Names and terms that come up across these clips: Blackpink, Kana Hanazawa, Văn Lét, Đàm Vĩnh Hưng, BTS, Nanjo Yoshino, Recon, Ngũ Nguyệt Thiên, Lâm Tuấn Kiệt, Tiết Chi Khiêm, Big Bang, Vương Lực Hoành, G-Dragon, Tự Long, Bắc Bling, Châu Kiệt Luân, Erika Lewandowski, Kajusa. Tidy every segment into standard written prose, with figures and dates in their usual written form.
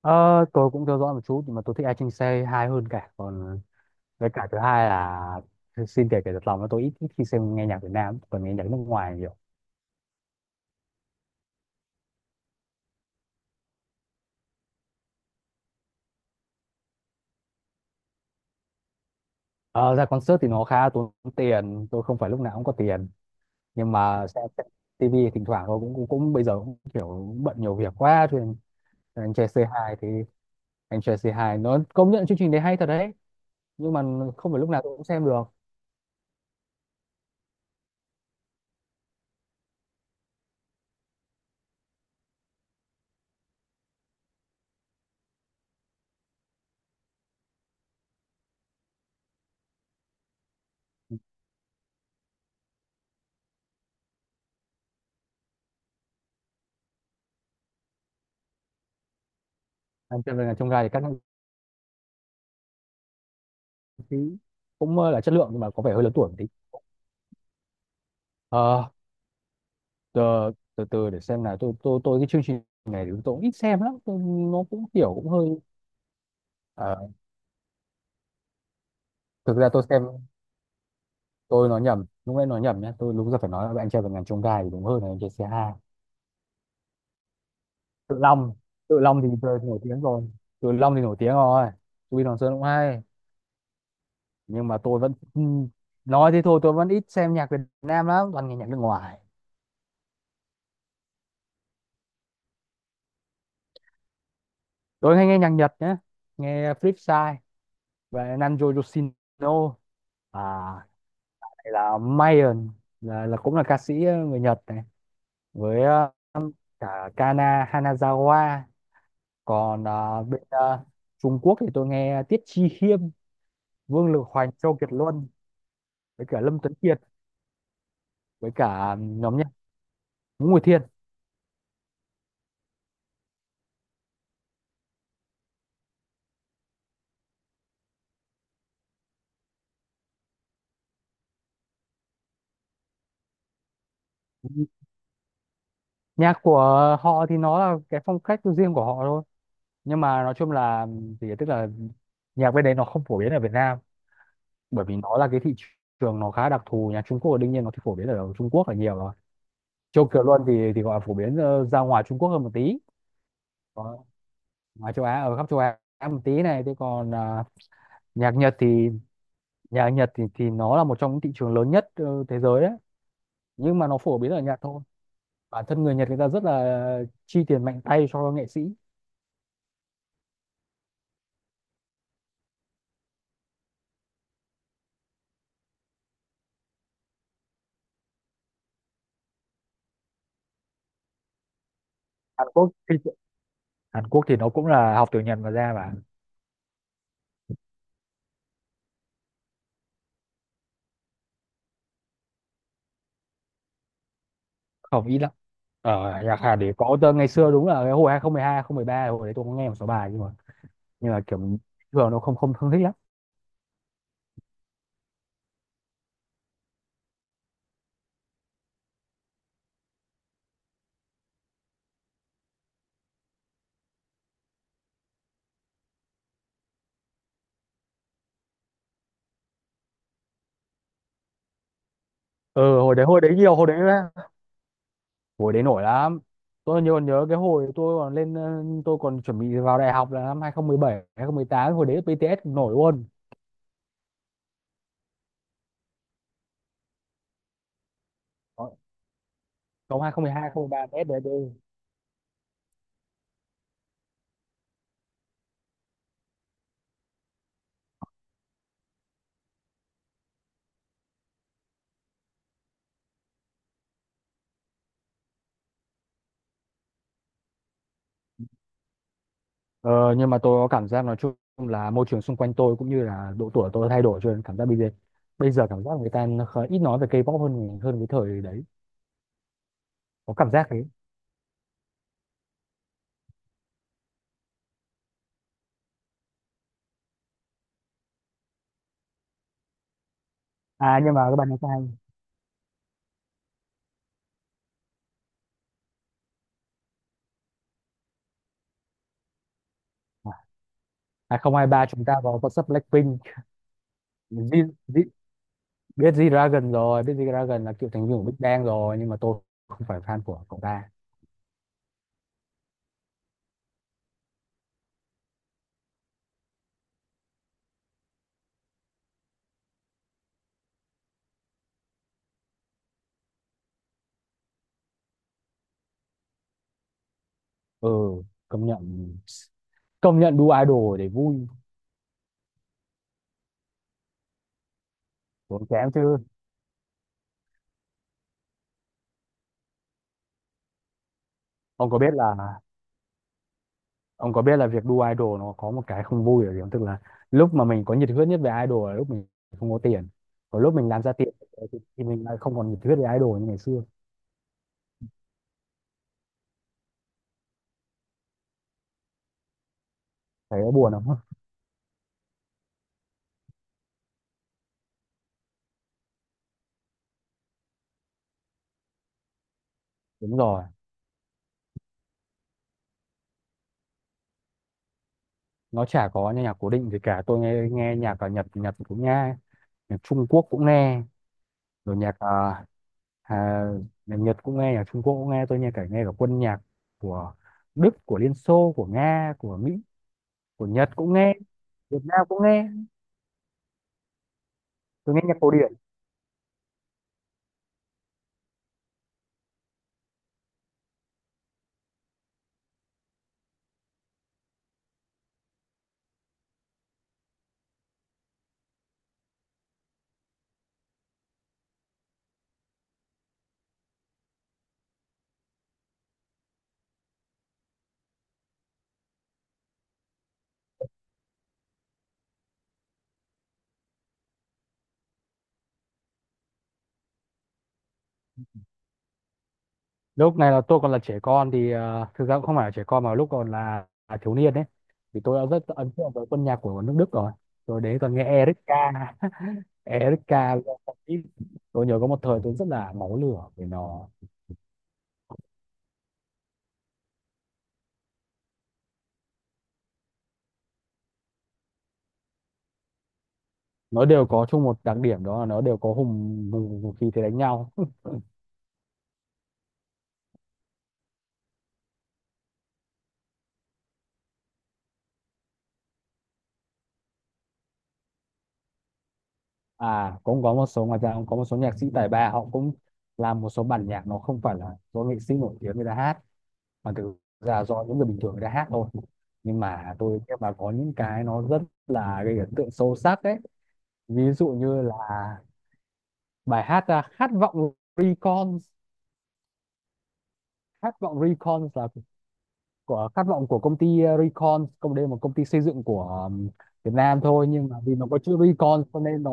Ờ, tôi cũng theo dõi một chút, nhưng mà tôi thích ai trên xe hai hơn cả. Còn với cả thứ hai là xin kể kể thật lòng là tôi ít khi xem nghe nhạc Việt Nam, còn nghe nhạc nước ngoài nhiều. Ờ, ra concert thì nó khá tốn tiền, tôi không phải lúc nào cũng có tiền, nhưng mà xem TV thỉnh thoảng thôi, cũng, cũng cũng bây giờ cũng kiểu bận nhiều việc quá, cho nên anh trai c hai thì anh trai c hai nó công nhận chương trình đấy hay thật đấy, nhưng mà không phải lúc nào tôi cũng xem được. Anh trai về nhà trong gai thì các nghệ sĩ cũng là chất lượng, nhưng mà có vẻ hơi lớn tuổi một tí. Ờ, Ờ, từ từ để xem nào, tôi cái chương trình này thì tôi cũng ít xem lắm. Nó cũng kiểu cũng hơi ờ, thực ra tôi xem, tôi nói nhầm, lúc nãy nói nhầm nhé, tôi đúng ra phải nói là anh trai vượt ngàn chông gai thì đúng hơn là anh trai C2. Tự Long, Tự Long thì tôi nổi tiếng rồi, Tự Long thì nổi tiếng rồi. Vin Hoàng Sơn cũng hay, nhưng mà tôi vẫn nói thế thôi, tôi vẫn ít xem nhạc Việt Nam lắm, toàn nghe nhạc nước ngoài. Tôi hay nghe nhạc Nhật nhé, nghe Flipside và Nanjo Yoshino, à là Mayon, là cũng là ca sĩ người Nhật này, với cả Kana Hanazawa. Còn bên Trung Quốc thì tôi nghe Tiết Chi Khiêm, Vương Lực Hoành, Châu Kiệt Luân, với cả Lâm Tuấn Kiệt, với cả nhóm nhạc Ngũ Nguyệt Thiên. Nhạc của họ thì nó là cái phong cách riêng của họ thôi, nhưng mà nói chung là, thì tức là nhạc bên đấy nó không phổ biến ở Việt Nam, bởi vì nó là cái thị trường nó khá đặc thù. Nhạc Trung Quốc đương nhiên nó thì phổ biến ở Trung Quốc là nhiều rồi. Châu kiều luân thì gọi là phổ biến ra ngoài Trung Quốc hơn một tí. Có, ngoài châu Á, ở khắp châu Á một tí này. Thế còn à, nhạc Nhật thì, nhạc Nhật thì nó là một trong những thị trường lớn nhất thế giới đấy, nhưng mà nó phổ biến ở Nhật thôi. Bản thân người Nhật người ta rất là chi tiền mạnh tay cho nghệ sĩ. Hàn Quốc thì, Hàn Quốc thì nó cũng là học từ Nhật mà ra mà. Không, ít lắm. Ở nhạc Hàn thì có tơ ngày xưa, đúng là cái hồi 2012 2013, hồi đấy tôi cũng nghe một số bài, nhưng mà kiểu thường nó không không không thích lắm. Ừ, hồi đấy, hồi đấy nhiều, hồi đấy nổi lắm. Tôi nhớ còn nhớ cái hồi tôi còn lên tôi còn chuẩn bị vào đại học là năm 2017 2018, hồi đấy BTS cũng nổi luôn, cộng 2012 2013 BTS đấy nhưng mà tôi có cảm giác nói chung là môi trường xung quanh tôi cũng như là độ tuổi tôi thay đổi, cho nên cảm giác bây giờ cảm giác người ta nó ít nói về K-pop hơn hơn cái thời đấy. Có cảm giác thế. À, nhưng mà các bạn nói sai. À, 2023 chúng ta vào có sắp Blackpink, Jin. Biết G-Dragon rồi, biết G-Dragon là cựu thành viên của Big Bang rồi, nhưng mà tôi không phải fan của cậu ta. Ừ, công nhận, công nhận đu idol để vui. Tốn kém chứ. ông có biết là ông có biết là việc đu idol nó có một cái không vui ở điểm, tức là lúc mà mình có nhiệt huyết nhất về idol là lúc mình không có tiền, còn lúc mình làm ra tiền thì mình lại không còn nhiệt huyết về idol như ngày xưa. Thấy nó buồn không? Đúng rồi. Nó chả có nhạc cố định gì cả, tôi nghe nghe nhạc ở Nhật, Nhật cũng nghe, nhạc Trung Quốc cũng nghe, rồi à, nhạc Nhật cũng nghe, nhạc Trung Quốc cũng nghe. Tôi nghe cả quân nhạc của Đức, của Liên Xô, của Nga, của Mỹ, của Nhật cũng nghe, Việt Nam cũng nghe. Tôi nghe nhạc cổ điển. Lúc này là tôi còn là trẻ con, thì thực ra cũng không phải là trẻ con, mà lúc còn là thiếu niên đấy, thì tôi đã rất ấn tượng với quân nhạc của nước Đức rồi. Tôi đấy còn nghe Erika Erika Lewandowski. Tôi nhớ có một thời tôi rất là máu lửa vì nó. Nó đều có chung một đặc điểm, đó là nó đều có hùng hùng, hùng khí thế đánh nhau. À, cũng có một số ngoài ra cũng có một số nhạc sĩ tài ba, họ cũng làm một số bản nhạc, nó không phải là do nghệ sĩ nổi tiếng người ta hát, mà thực ra do những người bình thường người ta hát thôi, nhưng mà tôi nghe mà có những cái nó rất là gây ấn tượng sâu sắc đấy. Ví dụ như là bài hát, à, Recon Khát vọng Recon là của, khát vọng của công ty, à, Recon. Công đây là một công ty xây dựng của um, Việt Nam thôi, nhưng mà vì nó có chữ Recon cho nên nó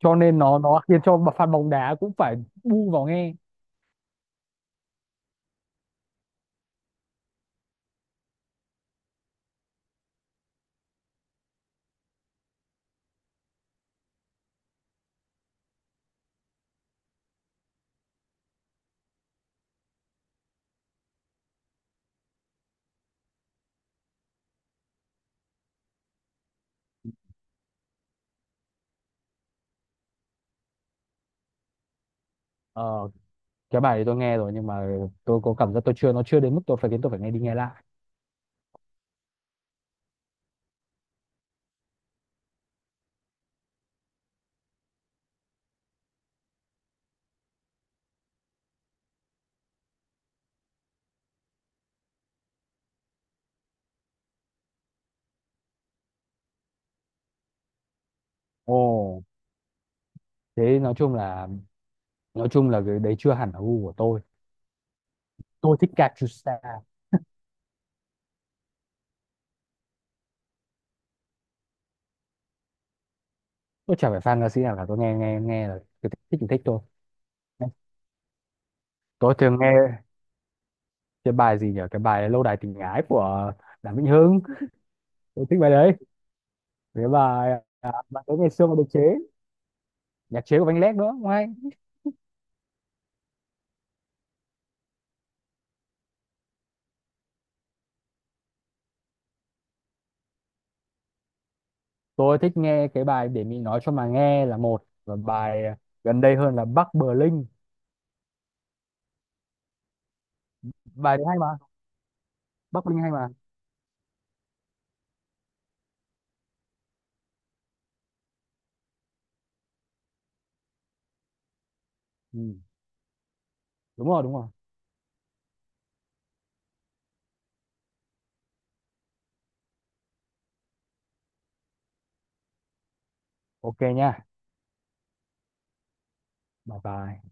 khiến cho fan bóng đá cũng phải bu vào nghe. Ờ, cái bài thì tôi nghe rồi, nhưng mà tôi có cảm giác tôi chưa nó chưa đến mức tôi phải nghe đi nghe lại. Ồ, thế nói chung là, cái đấy chưa hẳn là gu của tôi. Tôi thích Kajusa. Tôi chả phải fan ca sĩ nào cả, tôi nghe nghe nghe là cứ thích thích thì thích thôi. Tôi thường nghe cái bài gì nhỉ? Cái bài Lâu đài tình ái của Đàm Vĩnh Hưng. Tôi thích bài đấy. Cái bài À, bài đấy ngày xưa mà được chế, nhạc chế của Văn Lét nữa, không hay. Tôi thích nghe cái bài Để mình nói cho mà nghe là một, và bài gần đây hơn là Bắc Bling. Bài đấy hay mà. Bắc Ninh hay mà. Ừ, đúng rồi, đúng rồi. Ok nha. Bye bye.